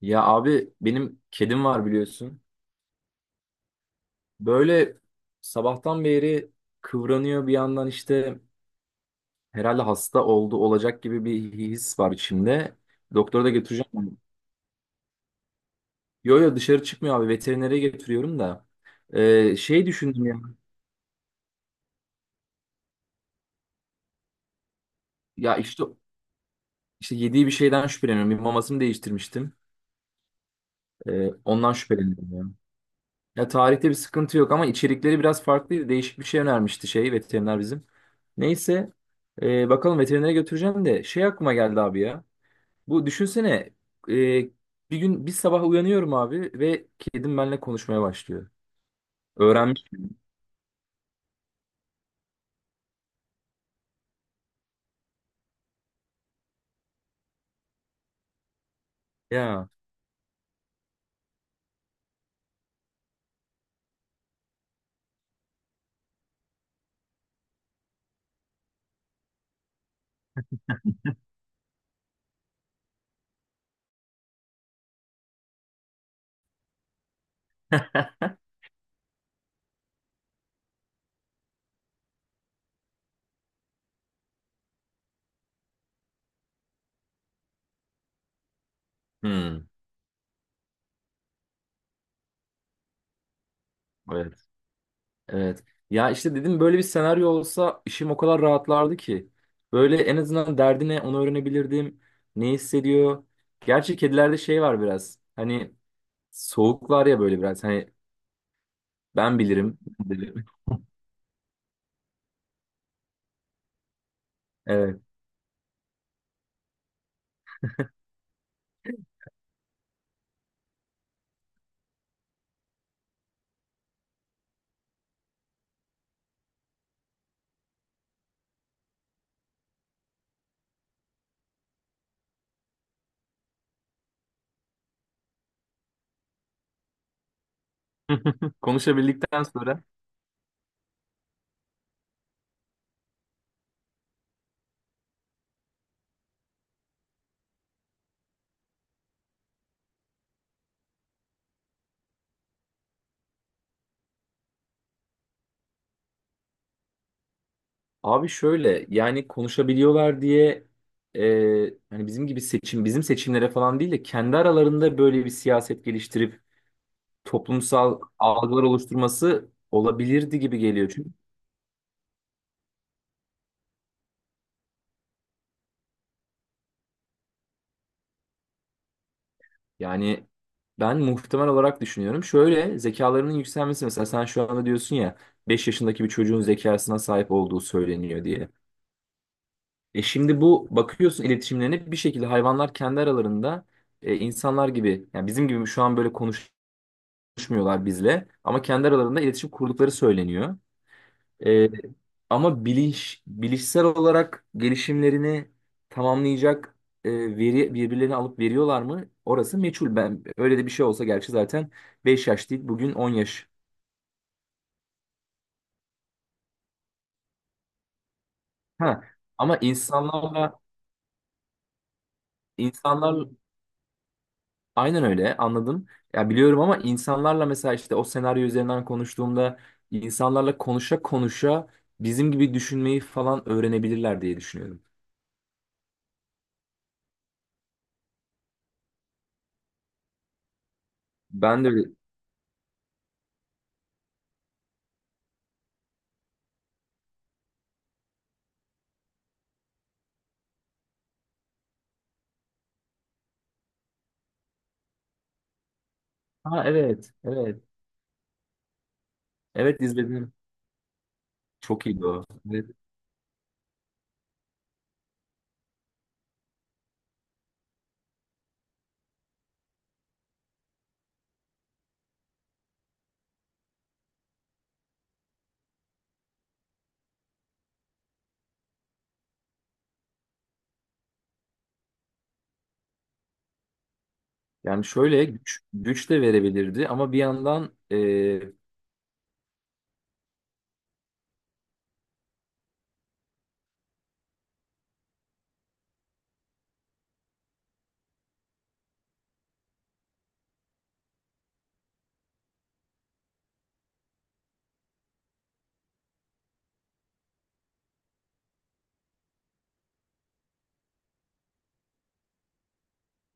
Ya abi benim kedim var biliyorsun. Böyle sabahtan beri kıvranıyor bir yandan işte herhalde hasta oldu olacak gibi bir his var içimde. Doktora da onu. Yo, yo, dışarı çıkmıyor abi, veterinere getiriyorum da. Şey düşündüm ya. Ya işte yediği bir şeyden şüpheleniyorum. Bir mamasını değiştirmiştim. Ondan şüpheleniyorum ya. Ya tarihte bir sıkıntı yok ama içerikleri biraz farklıydı. Değişik bir şey önermişti şey, veteriner bizim. Neyse, bakalım, veterinere götüreceğim de şey, aklıma geldi abi ya. Bu düşünsene, e, bir gün bir sabah uyanıyorum abi ve kedim benimle konuşmaya başlıyor. Öğrenmiş. Ya. Hmm, evet. Evet. Ya işte dedim, böyle bir senaryo olsa işim o kadar rahatlardı ki. Böyle en azından derdine onu öğrenebilirdim. Ne hissediyor? Gerçi kedilerde şey var biraz. Hani soğuk var ya böyle biraz. Hani ben bilirim, ben bilirim. Evet. Konuşabildikten sonra abi, şöyle yani konuşabiliyorlar diye, e, hani bizim gibi bizim seçimlere falan değil de kendi aralarında böyle bir siyaset geliştirip toplumsal algılar oluşturması olabilirdi gibi geliyor çünkü. Yani ben muhtemel olarak düşünüyorum. Şöyle, zekalarının yükselmesi, mesela sen şu anda diyorsun ya, 5 yaşındaki bir çocuğun zekasına sahip olduğu söyleniyor diye. E şimdi bu, bakıyorsun iletişimlerine, bir şekilde hayvanlar kendi aralarında, insanlar gibi yani bizim gibi şu an böyle konuşmuyorlar bizle, ama kendi aralarında iletişim kurdukları söyleniyor. E, Ama bilinç, bilişsel olarak gelişimlerini tamamlayacak e, veri birbirlerini alıp veriyorlar mı? Orası meçhul. Ben, öyle de bir şey olsa gerçi, zaten 5 yaş değil bugün, 10 yaş. Ha, ama insanlarla insanlar. Aynen öyle, anladım. Ya biliyorum, ama insanlarla mesela işte o senaryo üzerinden konuştuğumda, insanlarla konuşa konuşa bizim gibi düşünmeyi falan öğrenebilirler diye düşünüyorum. Ben de öyle. Ha evet, evet. Evet, izledim. Çok iyiydi o. Evet. Yani şöyle, güç de verebilirdi ama bir yandan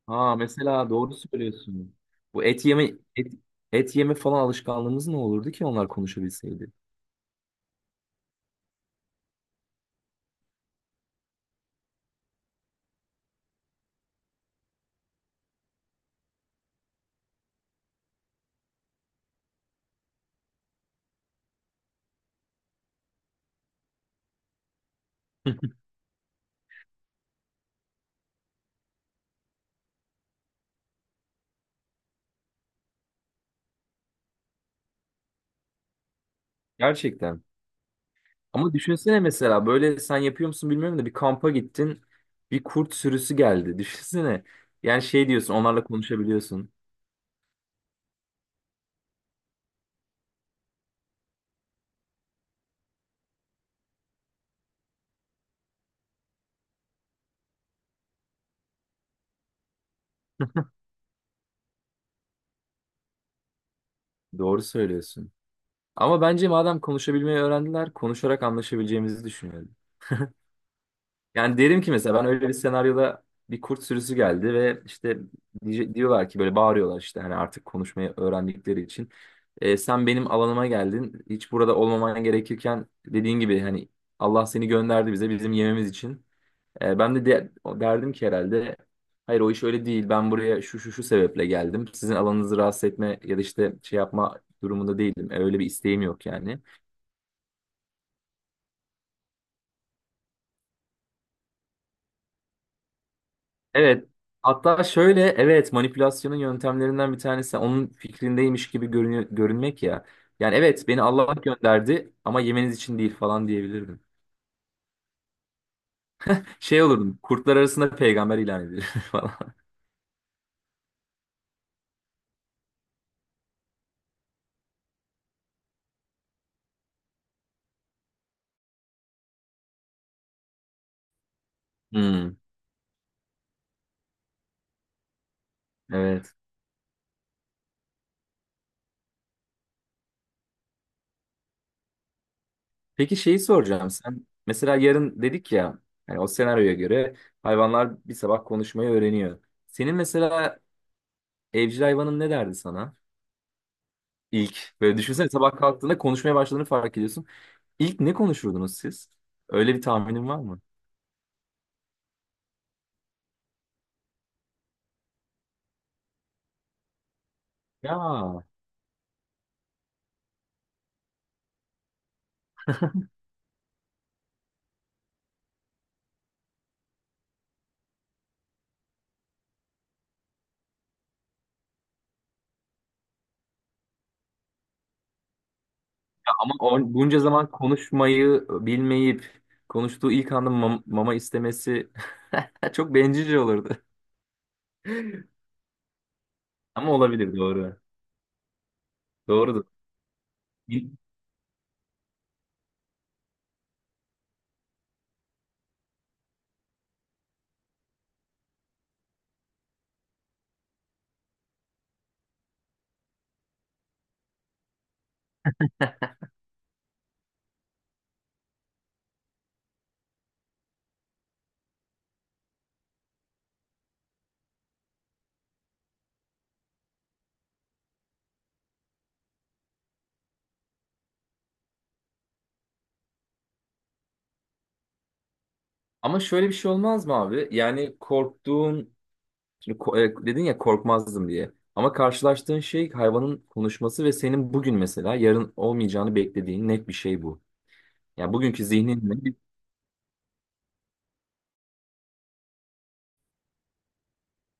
ha, mesela doğru söylüyorsun. Bu et yeme falan alışkanlığımız ne olurdu ki onlar konuşabilseydi? Gerçekten. Ama düşünsene, mesela böyle, sen yapıyor musun bilmiyorum da, bir kampa gittin, bir kurt sürüsü geldi. Düşünsene. Yani şey diyorsun, onlarla konuşabiliyorsun. Doğru söylüyorsun. Ama bence, madem konuşabilmeyi öğrendiler, konuşarak anlaşabileceğimizi düşünüyorum. Yani derim ki mesela, ben öyle bir senaryoda bir kurt sürüsü geldi ve işte diyorlar ki, böyle bağırıyorlar işte, hani artık konuşmayı öğrendikleri için. "E, sen benim alanıma geldin. Hiç burada olmaman gerekirken, dediğin gibi hani Allah seni gönderdi bize bizim yememiz için." E, ben de derdim ki herhalde, "Hayır, o iş öyle değil. Ben buraya şu şu şu sebeple geldim. Sizin alanınızı rahatsız etme ya da işte şey yapma durumunda değilim. E, öyle bir isteğim yok yani." Evet. Hatta şöyle, evet, manipülasyonun yöntemlerinden bir tanesi onun fikrindeymiş gibi görünmek ya. Yani "Evet, beni Allah gönderdi ama yemeniz için değil" falan diyebilirdim. Şey olurdum, kurtlar arasında peygamber ilan edilir falan. Hmm, evet. Peki, şeyi soracağım. Sen mesela, yarın dedik ya, yani o senaryoya göre hayvanlar bir sabah konuşmayı öğreniyor. Senin mesela evcil hayvanın ne derdi sana? İlk, böyle düşünsene, sabah kalktığında konuşmaya başladığını fark ediyorsun. İlk ne konuşurdunuz siz? Öyle bir tahminin var mı? Ya ama bunca zaman konuşmayı bilmeyip konuştuğu ilk anda mama istemesi çok bencilce olurdu. Ama olabilir, doğru. Doğrudur. Ama şöyle bir şey olmaz mı abi? Yani korktuğun. Şimdi dedin ya "korkmazdım" diye. Ama karşılaştığın şey hayvanın konuşması ve senin bugün, mesela yarın olmayacağını beklediğin net bir şey bu. Yani bugünkü zihninle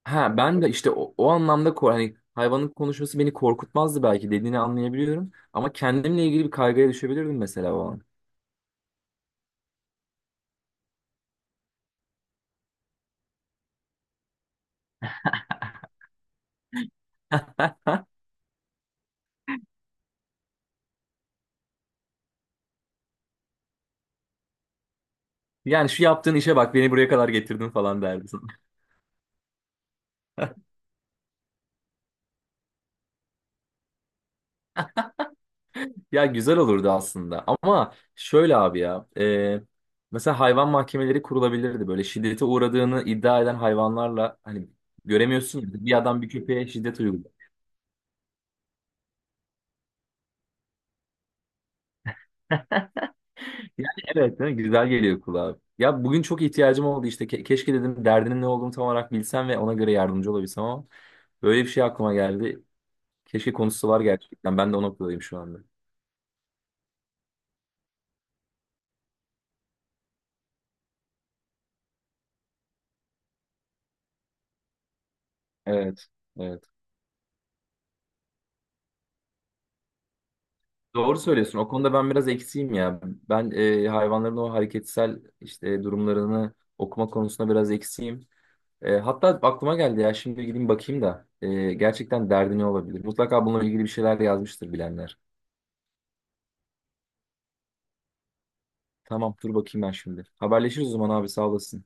ha, ben de işte o anlamda, hani hayvanın konuşması beni korkutmazdı belki dediğini anlayabiliyorum. Ama kendimle ilgili bir kaygıya düşebilirdim mesela, o an. Yani "Şu yaptığın işe bak, beni buraya kadar getirdin" falan derdim. Ya güzel olurdu aslında ama şöyle abi ya, mesela hayvan mahkemeleri kurulabilirdi, böyle şiddete uğradığını iddia eden hayvanlarla. Hani göremiyorsun ya, bir adam bir köpeğe şiddet uyguluyor. Yani evet, değil mi? Güzel geliyor kulağa. Ya bugün çok ihtiyacım oldu işte, keşke dedim, derdinin ne olduğunu tam olarak bilsem ve ona göre yardımcı olabilsem, ama böyle bir şey aklıma geldi. Keşke konusu var gerçekten, ben de o noktadayım şu anda. Evet. Evet. Doğru söylüyorsun. O konuda ben biraz eksiğim ya. Ben hayvanların o hareketsel işte durumlarını okuma konusunda biraz eksiğim. Hatta aklıma geldi ya, şimdi gideyim bakayım da, gerçekten derdi ne olabilir? Mutlaka bununla ilgili bir şeyler yazmıştır bilenler. Tamam, dur bakayım ben şimdi. Haberleşiriz o zaman abi, sağ olasın.